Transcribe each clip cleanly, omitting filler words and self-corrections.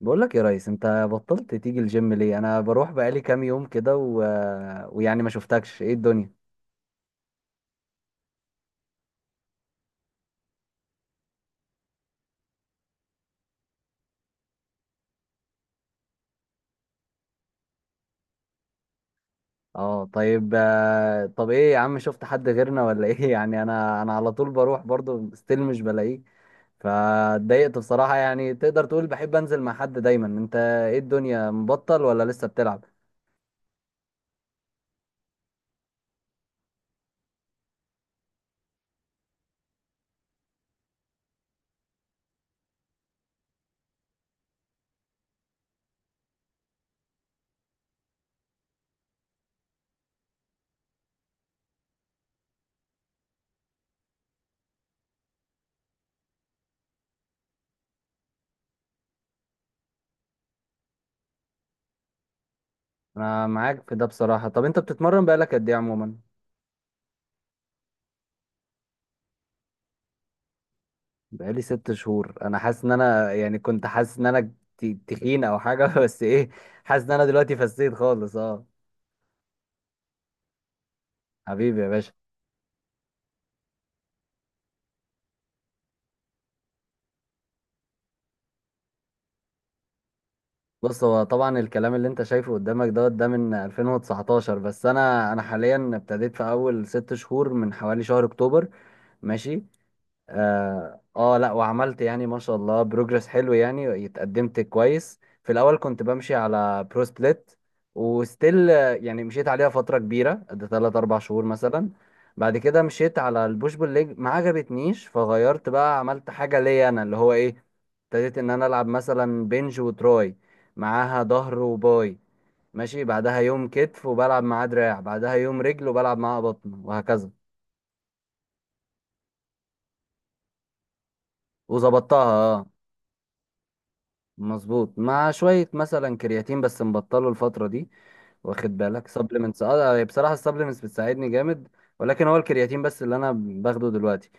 بقول لك يا ريس، انت بطلت تيجي الجيم ليه؟ انا بروح بقالي كام يوم كده و... ويعني ما شفتكش، ايه الدنيا؟ اه طيب طب ايه يا عم، شفت حد غيرنا ولا ايه؟ يعني انا على طول بروح برضو ستيل مش بلاقيه. فاتضايقت بصراحة. يعني تقدر تقول بحب انزل مع حد دايما. انت ايه الدنيا، مبطل ولا لسه بتلعب؟ انا معاك في ده بصراحة. طب انت بتتمرن بقالك قد ايه عموما؟ بقالي ست شهور. انا حاسس ان انا، يعني كنت حاسس ان انا تخين او حاجه، بس ايه، حاسس ان انا دلوقتي فسيت خالص. اه حبيبي يا باشا. بص، هو طبعا الكلام اللي انت شايفه قدامك دوت ده من 2019، بس انا حاليا ابتديت في اول ست شهور من حوالي شهر اكتوبر. ماشي. اه لا، وعملت يعني ما شاء الله بروجرس حلو، يعني اتقدمت كويس. في الاول كنت بمشي على برو سبليت وستيل. يعني مشيت عليها فتره كبيره قد 3 4 شهور مثلا. بعد كده مشيت على البوش بول ليج، ما عجبتنيش فغيرت بقى، عملت حاجه ليا انا اللي هو ايه، ابتديت ان انا العب مثلا بنج وتراي معاها ظهر وباي. ماشي، بعدها يوم كتف وبلعب معاه دراع، بعدها يوم رجل وبلعب معاها بطن، وهكذا. وظبطتها. آه. مظبوط، مع شوية مثلا كرياتين، بس مبطله الفترة دي. واخد بالك سبلمنتس؟ اه بصراحة السبلمنتس بتساعدني جامد، ولكن هو الكرياتين بس اللي انا باخده دلوقتي.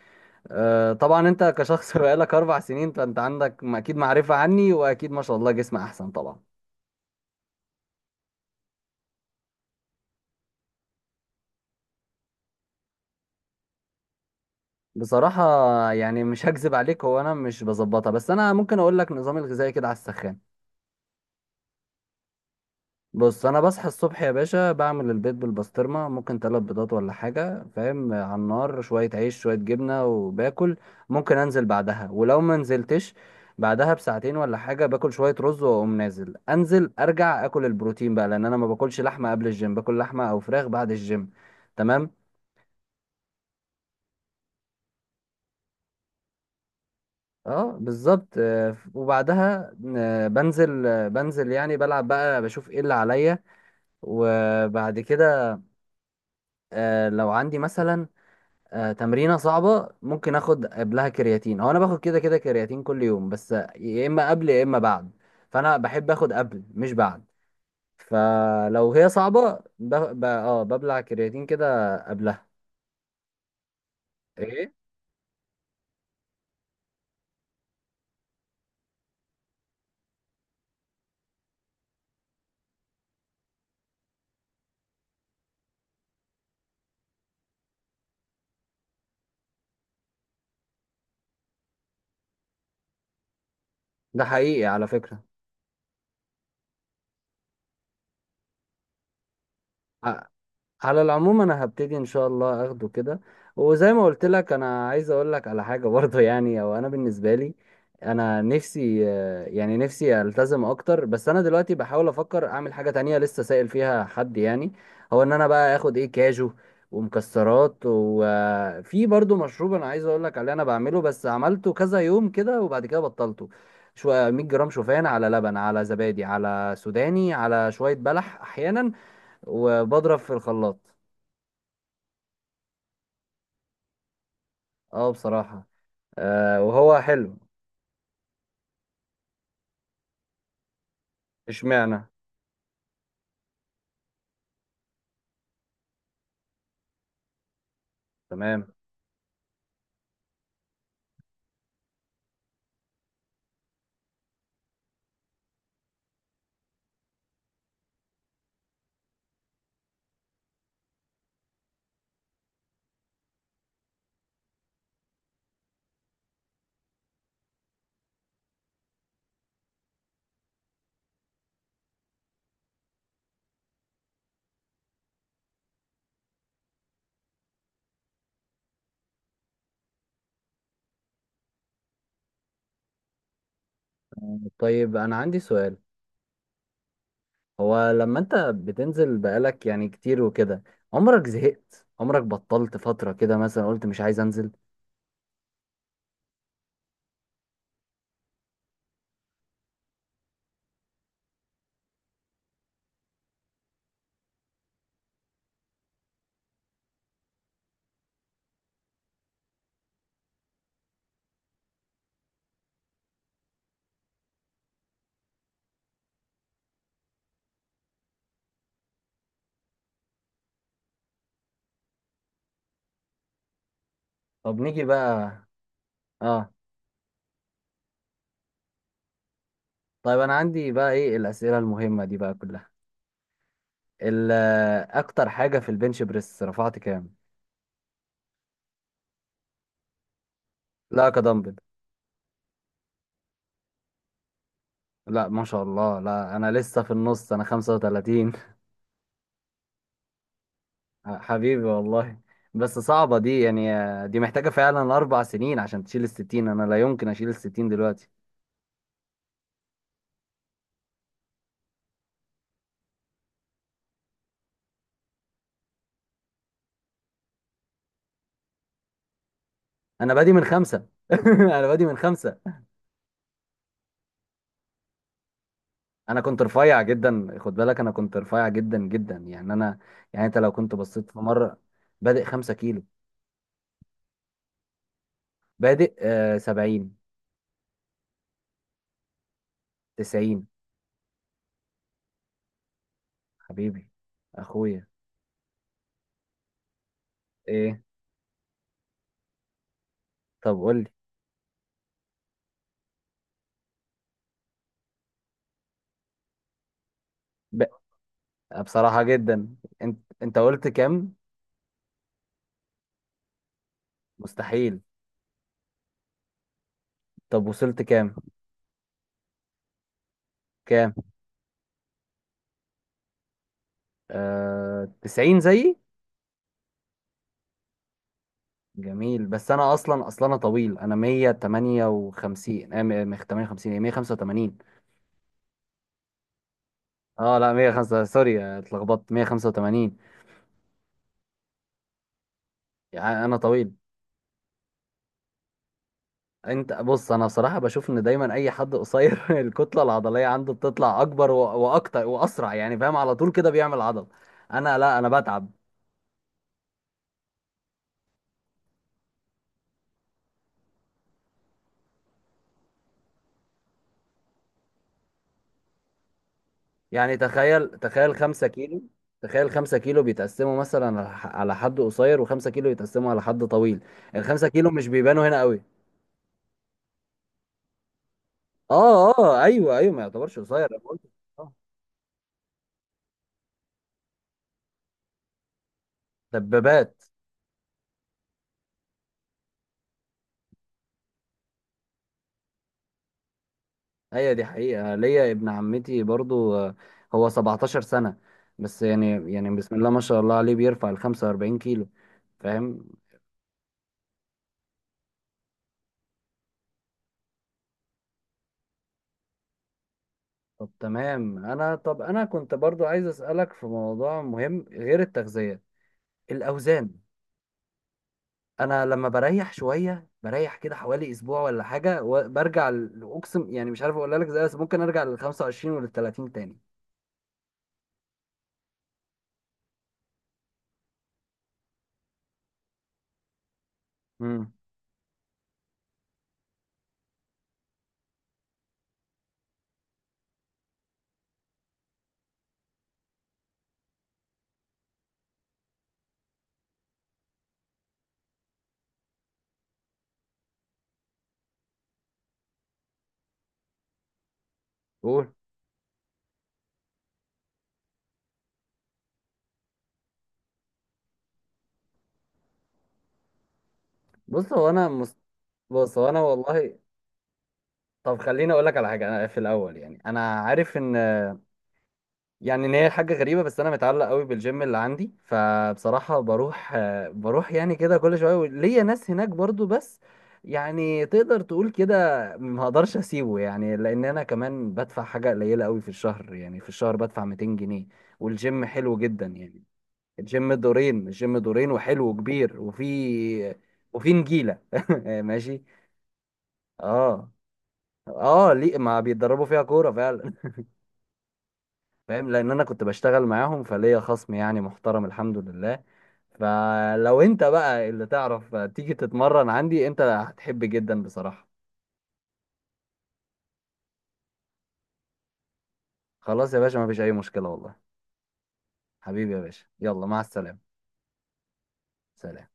آه طبعا انت كشخص، بقالك اربع سنين، فانت عندك اكيد معرفة عني، واكيد ما شاء الله جسم احسن طبعا. بصراحة يعني مش هكذب عليك، هو انا مش بظبطها، بس انا ممكن اقول لك نظامي الغذائي كده على السخان. بص، انا بصحى الصبح يا باشا بعمل البيض بالبسطرمه، ممكن تلات بيضات ولا حاجه، فاهم، على النار، شويه عيش شويه جبنه، وباكل. ممكن انزل بعدها، ولو ما نزلتش بعدها بساعتين ولا حاجه باكل شويه رز، واقوم نازل، انزل ارجع اكل البروتين بقى، لان انا ما باكلش لحمه قبل الجيم، باكل لحمه او فراخ بعد الجيم. تمام. اه بالظبط. وبعدها بنزل، يعني بلعب بقى بشوف ايه اللي عليا. وبعد كده لو عندي مثلا تمرينة صعبة، ممكن اخد قبلها كرياتين. هو انا باخد كده كده كرياتين كل يوم، بس يا اما قبل يا اما بعد، فانا بحب اخد قبل مش بعد. فلو هي صعبة ب... ب... اه ببلع كرياتين كده قبلها. ايه ده، حقيقي على فكرة. آه، على العموم انا هبتدي ان شاء الله اخده كده. وزي ما قلت لك، انا عايز اقول لك على حاجه برضه، يعني او انا بالنسبه لي، انا نفسي يعني نفسي التزم اكتر، بس انا دلوقتي بحاول افكر اعمل حاجه تانية لسه سائل فيها حد يعني. هو ان انا بقى اخد ايه، كاجو ومكسرات. وفي برضه مشروب انا عايز اقول لك عليه، انا بعمله بس عملته كذا يوم كده وبعد كده بطلته. شويه 100 جرام شوفان، على لبن، على زبادي، على سوداني، على شويه بلح احيانا، وبضرب في الخلاط. اه بصراحة، آه وهو حلو. اشمعنى؟ تمام. طيب انا عندي سؤال. هو لما انت بتنزل بقالك يعني كتير وكده، عمرك زهقت؟ عمرك بطلت فترة كده مثلا قلت مش عايز انزل؟ طب نيجي بقى. اه طيب انا عندي بقى ايه الأسئلة المهمة دي بقى كلها. ال- اكتر حاجة في البنش بريس رفعت كام؟ لا كدمبل. لا ما شاء الله، لا انا لسه في النص، انا 35. حبيبي والله. بس صعبة دي يعني، دي محتاجة فعلا أربع سنين عشان تشيل الستين. أنا لا يمكن أشيل الستين دلوقتي. أنا بادي من خمسة، أنا بادي من خمسة. أنا كنت رفيع جدا، خد بالك أنا كنت رفيع جدا جدا، يعني أنا، يعني أنت لو كنت بصيت في مرة. بادئ خمسة كيلو. بادئ آه سبعين. تسعين. حبيبي أخويا. إيه؟ طب قول لي. ب... بصراحة جدا. أنت قلت كام؟ مستحيل. طب وصلت كام؟ كام؟ آه... 90 زيي. جميل. بس انا اصلا انا طويل، انا 158 58، ايه، 185. اه لا 105، سوري اتلخبطت، 185. يعني انا طويل. انت بص، انا بصراحة بشوف ان دايما اي حد قصير الكتلة العضلية عنده بتطلع اكبر واكتر واسرع، يعني فاهم، على طول كده بيعمل عضل. انا لا، انا بتعب. يعني تخيل، تخيل 5 كيلو بيتقسموا مثلا على على حد قصير، و5 كيلو يتقسموا على حد طويل. ال 5 كيلو مش بيبانوا هنا. اه اه ايوه ايوه، ما يعتبرش قصير، انا قلت. آه، دبابات. هي دي حقيقه. ليا ابن عمتي برضو، هو 17 سنه، بس يعني يعني بسم الله ما شاء الله عليه، بيرفع ال 45 كيلو، فاهم. طب تمام. انا طب انا كنت برضو عايز اسالك في موضوع مهم غير التغذيه، الاوزان. انا لما بريح شويه، بريح كده حوالي اسبوع ولا حاجه، وبرجع اقسم يعني مش عارف اقول لك ازاي، بس ممكن ارجع لل 25 ولل 30 تاني. امم قول. بص هو انا، بص هو انا والله، طب خليني اقول لك على حاجه. انا في الاول يعني، انا عارف ان، يعني ان هي حاجه غريبه، بس انا متعلق قوي بالجيم اللي عندي. فبصراحه بروح بروح يعني كده كل شويه، ليا ناس هناك برضو، بس يعني تقدر تقول كده ما اقدرش اسيبه، يعني لان انا كمان بدفع حاجه قليله قوي في الشهر، يعني في الشهر بدفع 200 جنيه، والجيم حلو جدا يعني. الجيم دورين، الجيم دورين وحلو وكبير، وفي وفي نجيله. ماشي اه اه. ليه ما بيتدربوا فيها كوره فعلا. فاهم، لان انا كنت بشتغل معاهم فليا خصم يعني محترم الحمد لله. فلو انت بقى اللي تعرف تيجي تتمرن عندي، انت هتحب جدا بصراحه. خلاص يا باشا، ما فيش اي مشكله والله. حبيبي يا باشا، يلا مع السلامه. سلام.